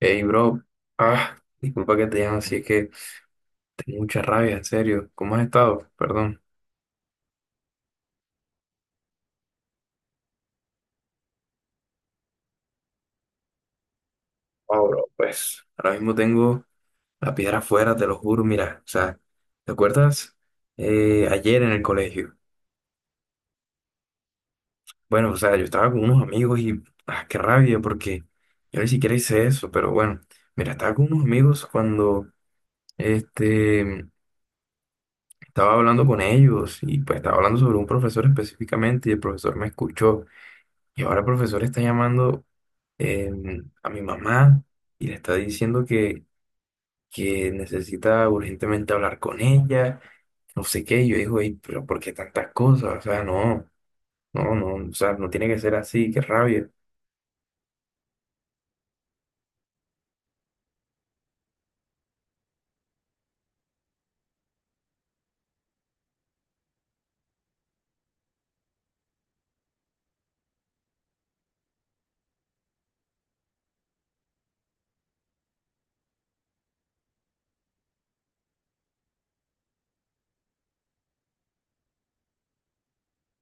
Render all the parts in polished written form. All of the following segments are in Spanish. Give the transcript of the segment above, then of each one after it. Hey, bro. Disculpa que te llame así, es que tengo mucha rabia, en serio. ¿Cómo has estado? Perdón. Oh, bro, pues ahora mismo tengo la piedra afuera, te lo juro. Mira, o sea, ¿te acuerdas? Ayer en el colegio. Bueno, o sea, yo estaba con unos amigos y, qué rabia, porque yo ni siquiera hice eso, pero bueno, mira, estaba con unos amigos cuando, este, estaba hablando con ellos y pues estaba hablando sobre un profesor específicamente y el profesor me escuchó. Y ahora el profesor está llamando a mi mamá y le está diciendo que necesita urgentemente hablar con ella, no sé qué. Y yo digo, "Ey, pero ¿por qué tantas cosas? O sea, no, no, no, o sea, no tiene que ser así, qué rabia.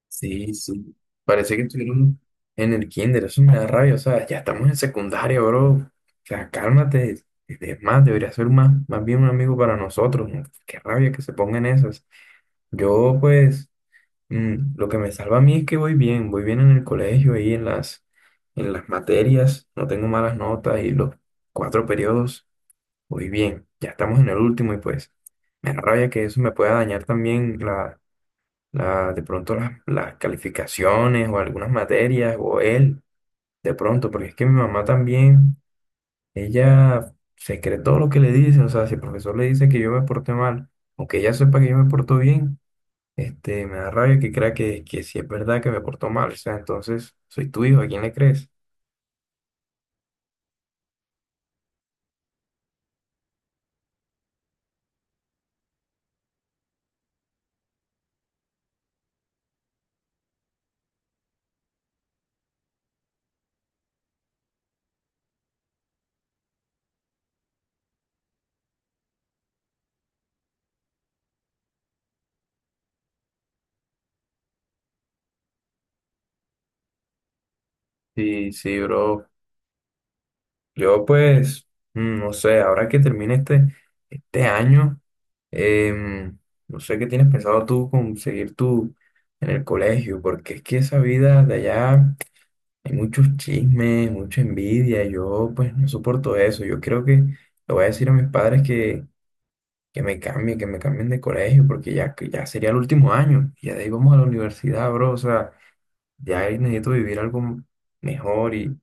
Sí, sí. Parece que estuvieron en el kinder, eso me da rabia, o sea, ya estamos en secundaria, bro. O sea, cálmate. Es más, debería ser más, más bien un amigo para nosotros. ¿No? Qué rabia que se pongan esas. Yo, pues. Lo que me salva a mí es que voy bien en el colegio y en en las materias, no tengo malas notas y los cuatro periodos, voy bien. Ya estamos en el último y pues me da rabia que eso me pueda dañar también de pronto las calificaciones o algunas materias o él, de pronto, porque es que mi mamá también, ella se cree todo lo que le dicen, o sea, si el profesor le dice que yo me porté mal, aunque ella sepa que yo me porto bien. Me da rabia que crea que sí es verdad que me portó mal. O sea, entonces, soy tu hijo, ¿a quién le crees? Sí, sí, bro. Yo pues, no sé, ahora que termine este, este año, em, no sé qué tienes pensado tú conseguir tú en el colegio, porque es que esa vida de allá hay muchos chismes, mucha envidia. Yo pues no soporto eso. Yo creo que le voy a decir a mis padres que me cambie, que me cambien de colegio, porque ya, que ya sería el último año, y ya de ahí vamos a la universidad, bro, o sea, ya ahí necesito vivir algo mejor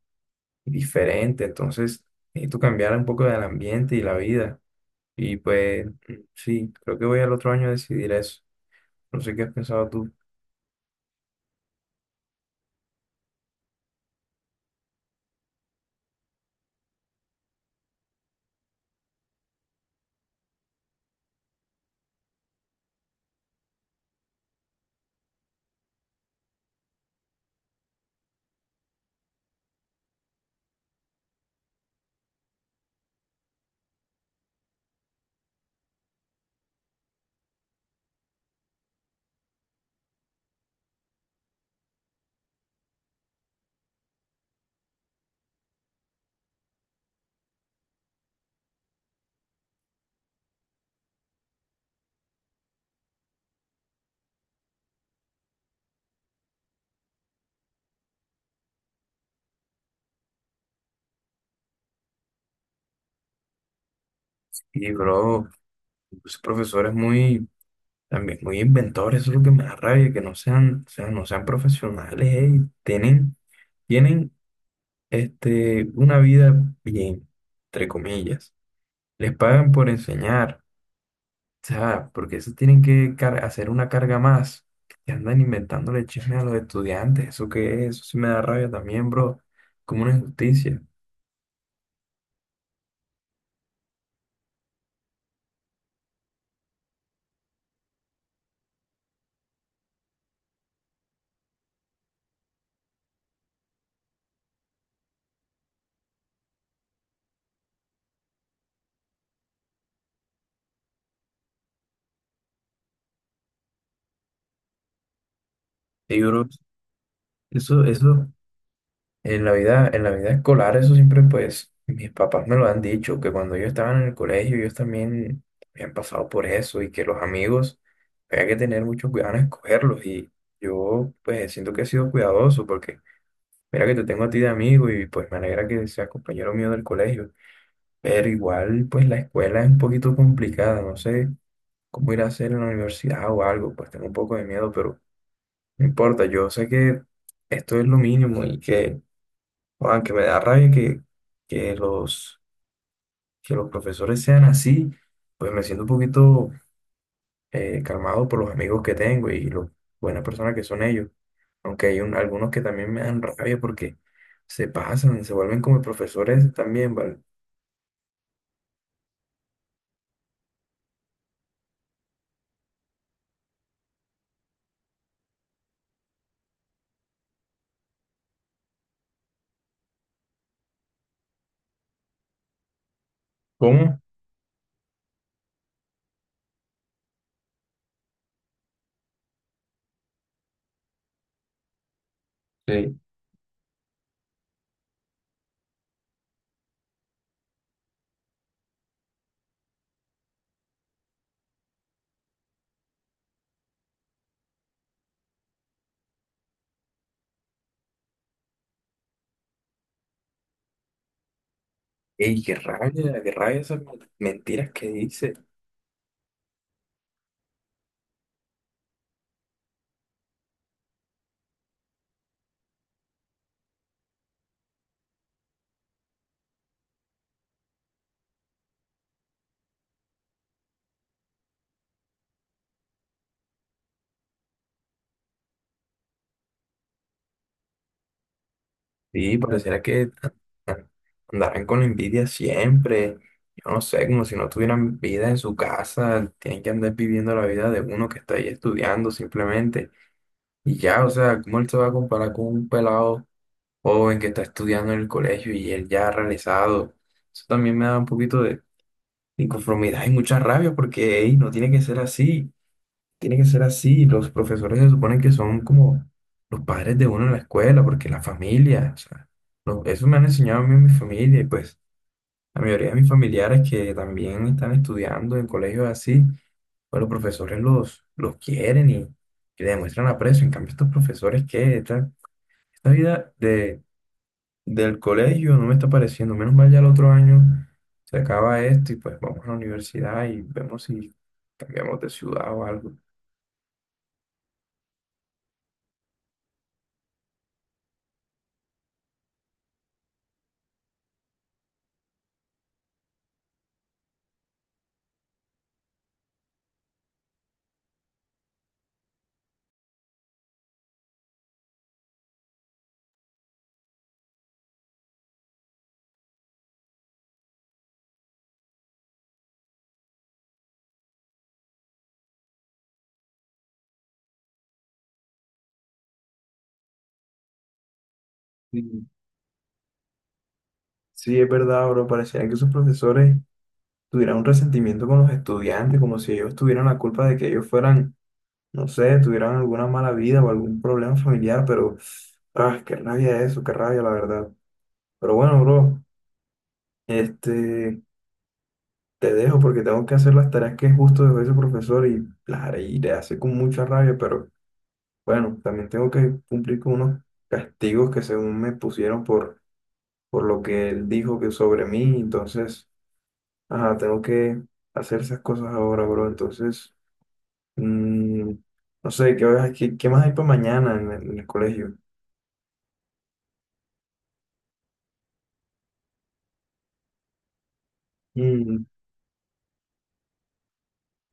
y diferente, entonces necesito cambiar un poco del ambiente y la vida, y pues sí, creo que voy al otro año a decidir eso, no sé qué has pensado tú. Y bro, los profesores muy, también muy inventores, eso es lo que me da rabia, que no sean, o sea, no sean profesionales, ey, tienen... Tienen una vida bien, entre comillas. Les pagan por enseñar, o sea, porque eso tienen que hacer una carga más. Que andan inventándole chisme a los estudiantes, eso que es, eso sí me da rabia también, bro, como una injusticia. Y, bro, eso. En la vida escolar, eso siempre, pues, mis papás me lo han dicho, que cuando ellos estaban en el colegio, ellos también habían pasado por eso y que los amigos, había que tener mucho cuidado en escogerlos. Y yo, pues, siento que he sido cuidadoso porque mira que te tengo a ti de amigo y pues me alegra que seas compañero mío del colegio. Pero igual, pues, la escuela es un poquito complicada, no sé cómo ir a hacer en la universidad o algo, pues tengo un poco de miedo, pero no importa, yo sé que esto es lo mínimo y que... Aunque me da rabia que los, que los profesores sean así, pues me siento un poquito calmado por los amigos que tengo y lo buenas personas que son ellos. Aunque hay algunos que también me dan rabia porque se pasan, se vuelven como profesores también, ¿vale? ¿Cómo? Sí. ¡Ey, qué rabia! ¡Qué rabia esas mentiras que dice! Sí, pareciera que andarán con envidia siempre. Yo no sé, como si no tuvieran vida en su casa, tienen que andar viviendo la vida de uno que está ahí estudiando simplemente. Y ya, o sea, ¿cómo él se va a comparar con un pelado joven que está estudiando en el colegio y él ya ha realizado? Eso también me da un poquito de inconformidad y mucha rabia porque ey, no tiene que ser así tiene que ser así. Los profesores se suponen que son como los padres de uno en la escuela, porque la familia, o sea, eso me han enseñado a mí en mi familia y pues la mayoría de mis familiares que también están estudiando en colegios así, pues los profesores los quieren y le demuestran aprecio. En cambio, estos profesores que esta vida del colegio no me está pareciendo. Menos mal ya el otro año se acaba esto y pues vamos a la universidad y vemos si cambiamos de ciudad o algo. Sí, es verdad, bro. Parecía que sus profesores tuvieran un resentimiento con los estudiantes, como si ellos tuvieran la culpa de que ellos fueran, no sé, tuvieran alguna mala vida o algún problema familiar, pero, ah, qué rabia eso, qué rabia, la verdad. Pero bueno, bro, este, te dejo porque tengo que hacer las tareas que justo dejó ese profesor y las haré y le hace con mucha rabia, pero bueno, también tengo que cumplir con unos castigos que según me pusieron por lo que él dijo que sobre mí, entonces. Ajá, tengo que hacer esas cosas ahora, bro. Entonces, mm, no sé, ¿qué más hay para mañana en en el colegio? Mm,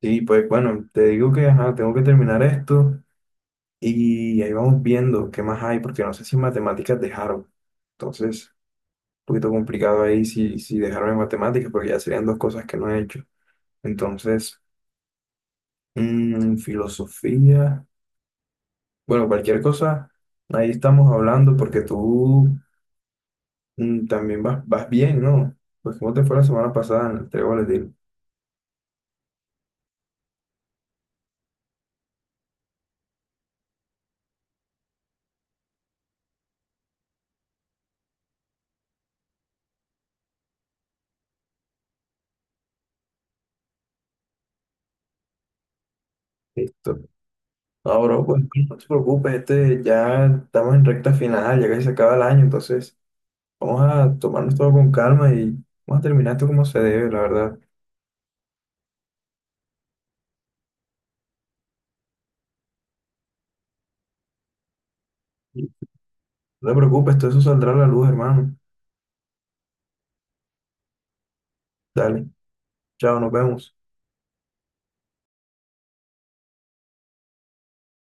sí, pues bueno, te digo que ajá, tengo que terminar esto y ahí vamos viendo qué más hay, porque no sé si matemáticas dejaron. Entonces, un poquito complicado ahí si dejaron en matemáticas, porque ya serían dos cosas que no he hecho. Entonces, filosofía, bueno, cualquier cosa, ahí estamos hablando, porque tú... También vas, vas bien, ¿no? Pues cómo te fue la semana pasada en el trébol de tiro? Listo. Ahora, pues no te preocupes, ya estamos en recta final, ya casi se acaba el año, entonces vamos a tomarnos todo con calma y vamos a terminar esto como se debe, la verdad. Y no te preocupes, todo eso saldrá a la luz, hermano. Dale, chao, nos vemos.